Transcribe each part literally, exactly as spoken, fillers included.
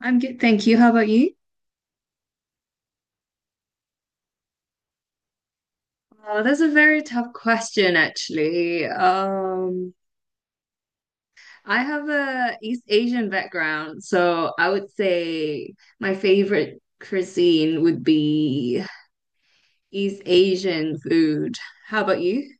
I'm good, thank you. How about you? Uh, that's a very tough question, actually. Um, I have a East Asian background, so I would say my favorite cuisine would be East Asian food. How about you?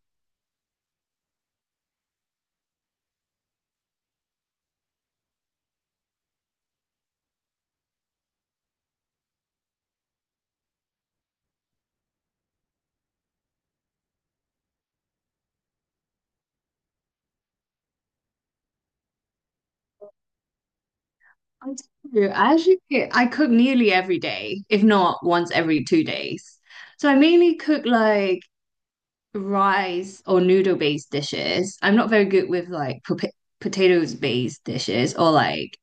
I do. I actually I cook nearly every day, if not once every two days. So I mainly cook like rice or noodle based dishes. I'm not very good with like pota- potatoes based dishes, or like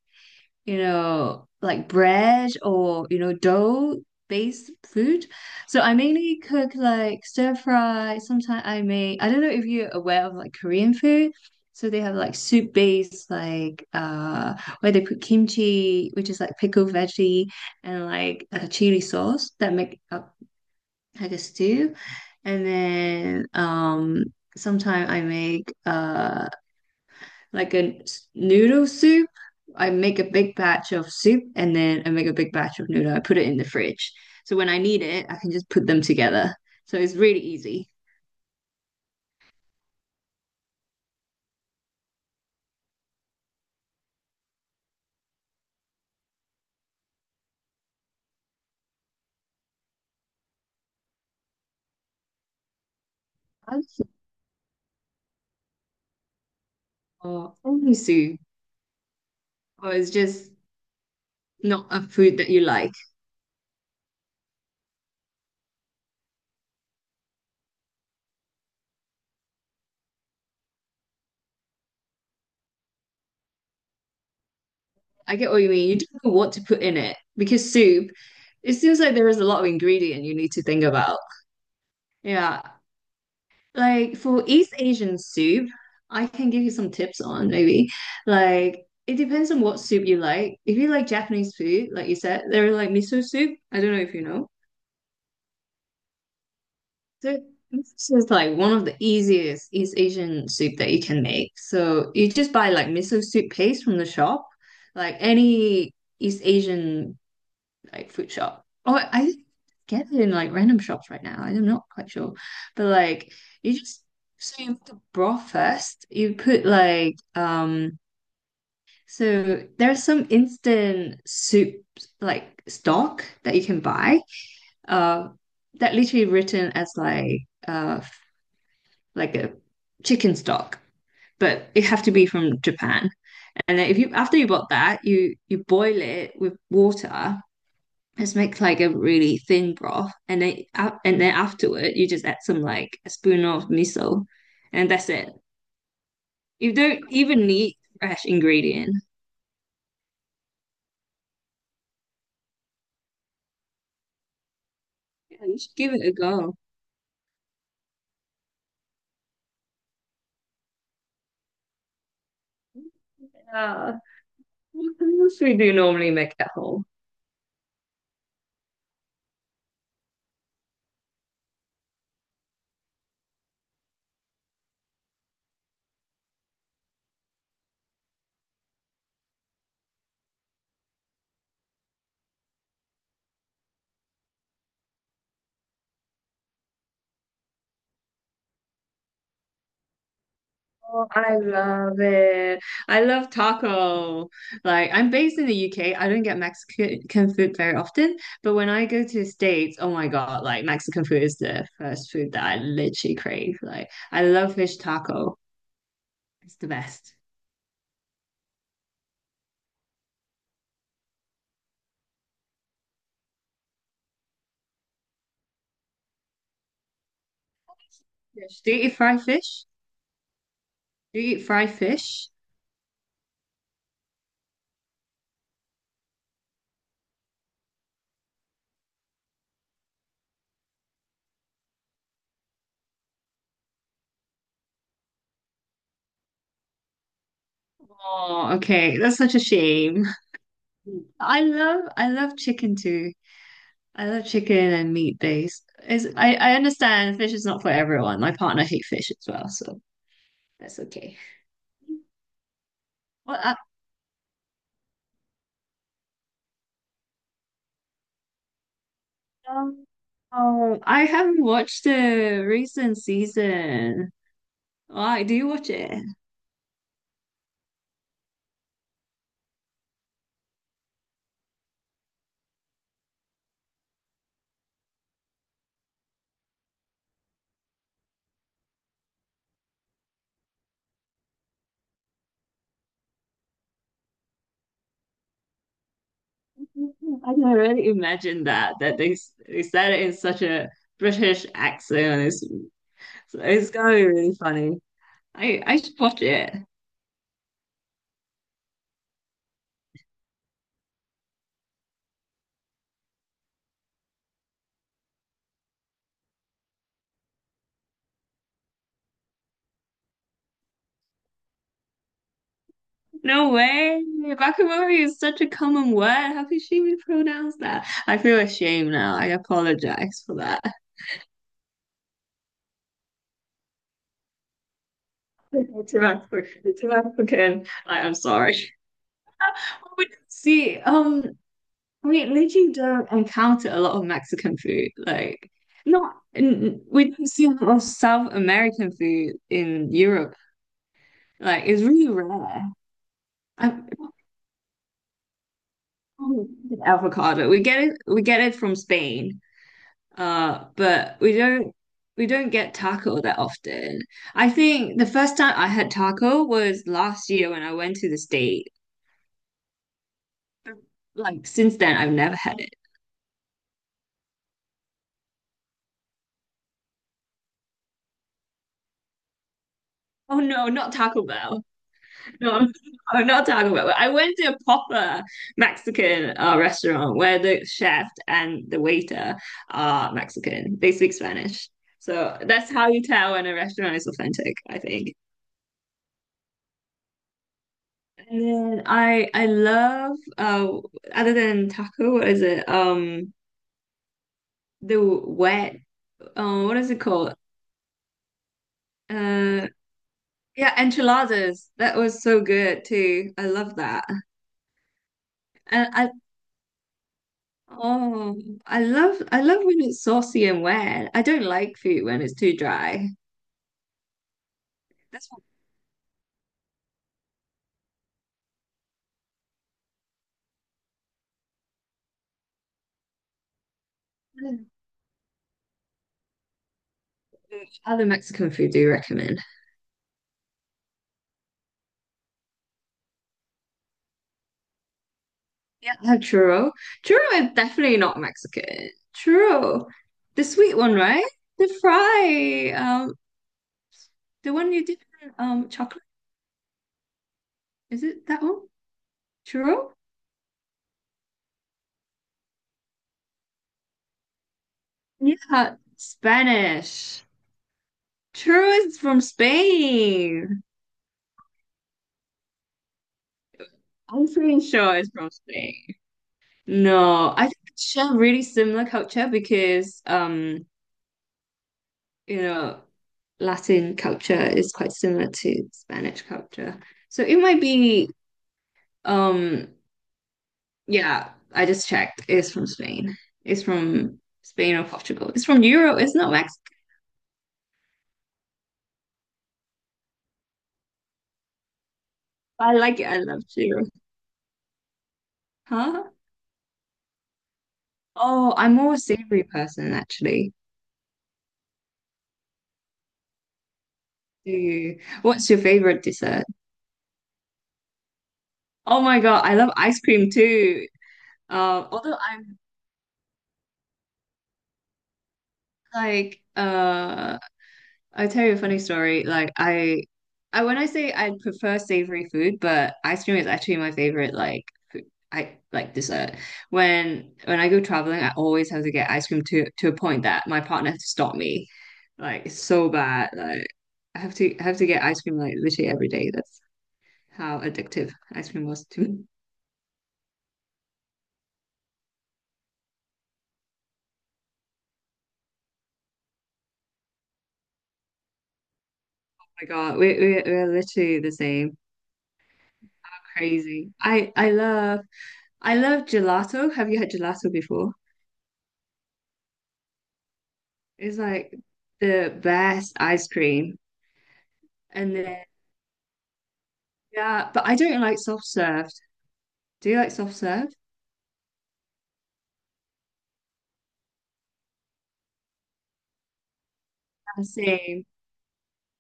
you know, like bread, or you know, dough-based food. So I mainly cook like stir fry. Sometimes I make, I don't know if you're aware of like Korean food. So they have like soup-based, like uh where they put kimchi, which is like pickled veggie, and like a chili sauce that make up like a stew. And then um sometimes I make uh like a s- noodle soup. I make a big batch of soup, and then I make a big batch of noodle. I put it in the fridge. So when I need it, I can just put them together. So it's really easy. Or soup, or it's just not a food that you like. I get what you mean. You don't know what to put in it, because soup, it seems like there is a lot of ingredient you need to think about. Yeah. Like for East Asian soup, I can give you some tips on maybe. Like it depends on what soup you like. If you like Japanese food, like you said, they're like miso soup. I don't know if you know. So this is like one of the easiest East Asian soup that you can make. So you just buy like miso soup paste from the shop, like any East Asian like food shop. Oh, I get it in like random shops right now. I'm not quite sure. But like you just so you make the broth first. You put like um so there's some instant soup like stock that you can buy. Uh that literally written as like uh like a chicken stock. But it have to be from Japan. And then if you after you bought that, you you boil it with water, just make like a really thin broth, and then a- and then afterward you just add some like a spoon of miso, and that's it. You don't even need fresh ingredient. Yeah, you should give it a go. Yeah. What else we do normally make at home? Oh, I love it. I love taco. Like, I'm based in the U K. I don't get Mexican food very often, but when I go to the States, oh my God, like Mexican food is the first food that I literally crave. Like, I love fish taco. It's the best. Fish. Do you eat fried fish? Do you eat fried fish? Oh, okay. That's such a shame. I love I love chicken too. I love chicken and meat based. Is I, I understand fish is not for everyone. My partner hates fish as well, so that's okay. Well, I, um, oh, I haven't watched the recent season. Why do you watch it? I can already imagine that that they s- they said it in such a British accent. It's so it's gonna be really funny. I I should watch it. No way. Bakamori is such a common word. How could she mispronounce that? I feel ashamed now. I apologize for that. To African, to African. I am sorry. But see, um, we literally don't encounter a lot of Mexican food. Like, not n- we don't see a lot of South American food in Europe. Like, it's really rare. I, oh, avocado. We get it we get it from Spain. Uh, but we don't we don't get taco that often. I think the first time I had taco was last year when I went to the States. Like since then I've never had it. Oh no, not Taco Bell. No, I not Taco Bell. I went to a proper Mexican uh, restaurant where the chef and the waiter are Mexican. They speak Spanish. So that's how you tell when a restaurant is authentic, I think. And then I I love uh other than taco, what is it? Um the wet um what is it called? Uh yeah, enchiladas. That was so good too. I love that. And I oh I love I love when it's saucy and wet. I don't like food when it's too dry. That's what what is- Other Mexican food do you recommend? Yeah, I have churro. Churro is definitely not Mexican. Churro. The sweet one, right? The fry. Um The one you did um chocolate, is it that one? Churro? Yeah, Spanish. Churro is from Spain. I'm pretty sure it's from Spain. No, I think it's share really similar culture because um, you know, Latin culture is quite similar to Spanish culture. So it might be um yeah, I just checked. It's from Spain. It's from Spain or Portugal. It's from Europe, it's not Mexico. I like it, I love churro. Huh? Oh, I'm more a savory person actually. Do you? What's your favorite dessert? Oh my God, I love ice cream too. Uh, although I'm like, uh, I tell you a funny story. Like I, I when I say I prefer savory food, but ice cream is actually my favorite. Like food, I like dessert. When when I go traveling, I always have to get ice cream to to a point that my partner has to stop me. Like it's so bad. Like I have to I have to get ice cream like literally every day. How addictive ice cream was to me. Oh my God, we we we're literally the same. Crazy. I I love I love gelato. Have you had gelato before? It's like the best ice cream. And then yeah, but I don't like soft served. Do you like soft served? The same.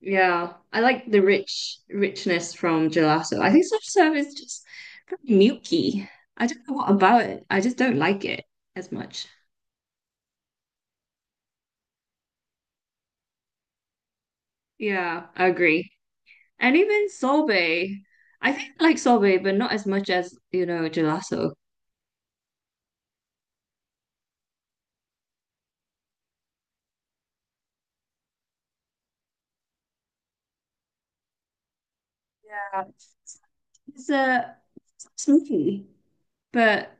Yeah, I like the rich richness from gelato. I think soft serve is just very milky. I don't know what about it. I just don't like it as much. Yeah, I agree. And even sorbet. I think I like sorbet, but not as much as, you know, gelato. Yeah. It's a smoothie, but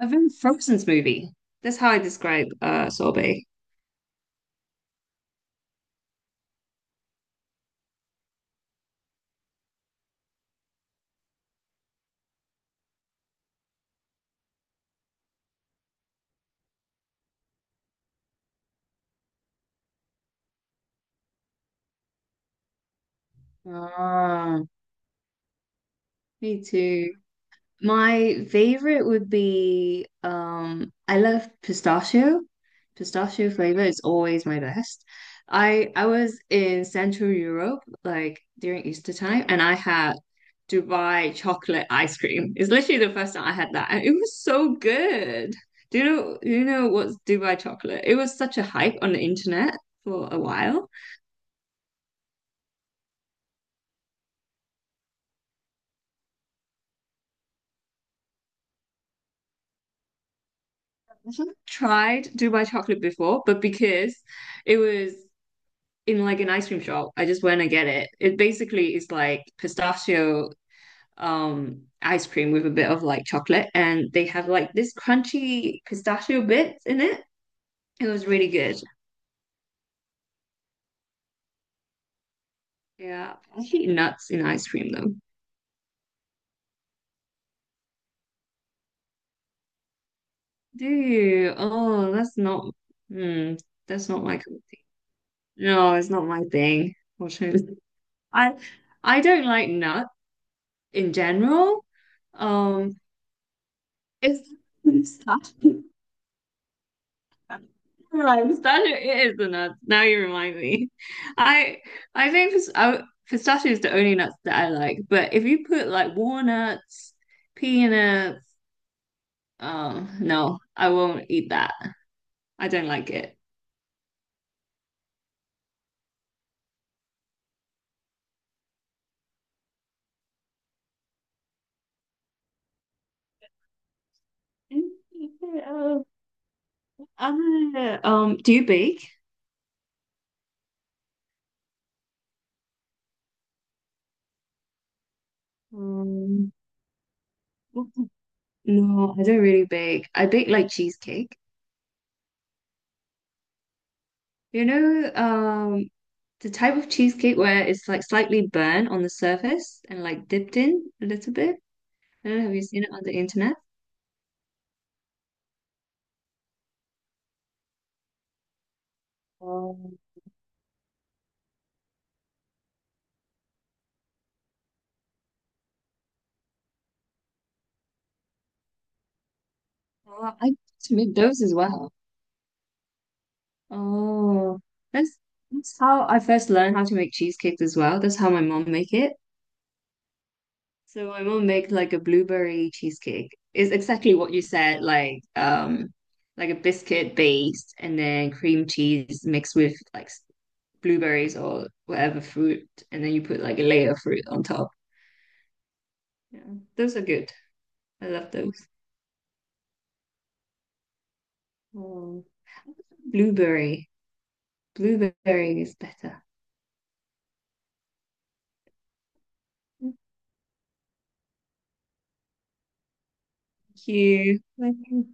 a very frozen smoothie. That's how I describe uh sorbet. Ah, me too. My favorite would be um I love pistachio. Pistachio flavor is always my best. I I was in Central Europe like during Easter time, and I had Dubai chocolate ice cream. It's literally the first time I had that, and it was so good. Do you know do you know what's Dubai chocolate? It was such a hype on the internet for a while. I haven't tried Dubai chocolate before, but because it was in like an ice cream shop. I just went and get it. It basically is like pistachio um ice cream with a bit of like chocolate, and they have like this crunchy pistachio bits in it. It was really good. Yeah. I hate nuts in ice cream though. Do you? Oh, that's not hmm, that's not my cup of tea. No, it's not my thing. Unfortunately. I I don't like nuts in general. Um it's pistachio. Pistachio it is the nuts. Now you remind me. I I think pis- I, pistachio is the only nuts that I like. But if you put like walnuts, peanuts, um, no, I won't eat that. I don't like it. Um, I, um, do you bake? Um, no, I don't really bake. I bake like cheesecake. You know, um, the type of cheesecake where it's like slightly burnt on the surface and like dipped in a little bit. I don't know, have you seen it on the internet? Um, Oh, I used to make those as well. Oh, that's that's how I first learned how to make cheesecakes as well. That's how my mom make it. So my mom make like a blueberry cheesecake. It's exactly what you said, like um, like a biscuit based, and then cream cheese mixed with like blueberries or whatever fruit, and then you put like a layer of fruit on top. Yeah, those are good. I love those. Oh. Blueberry. Blueberry is better. Thank you. Thank you.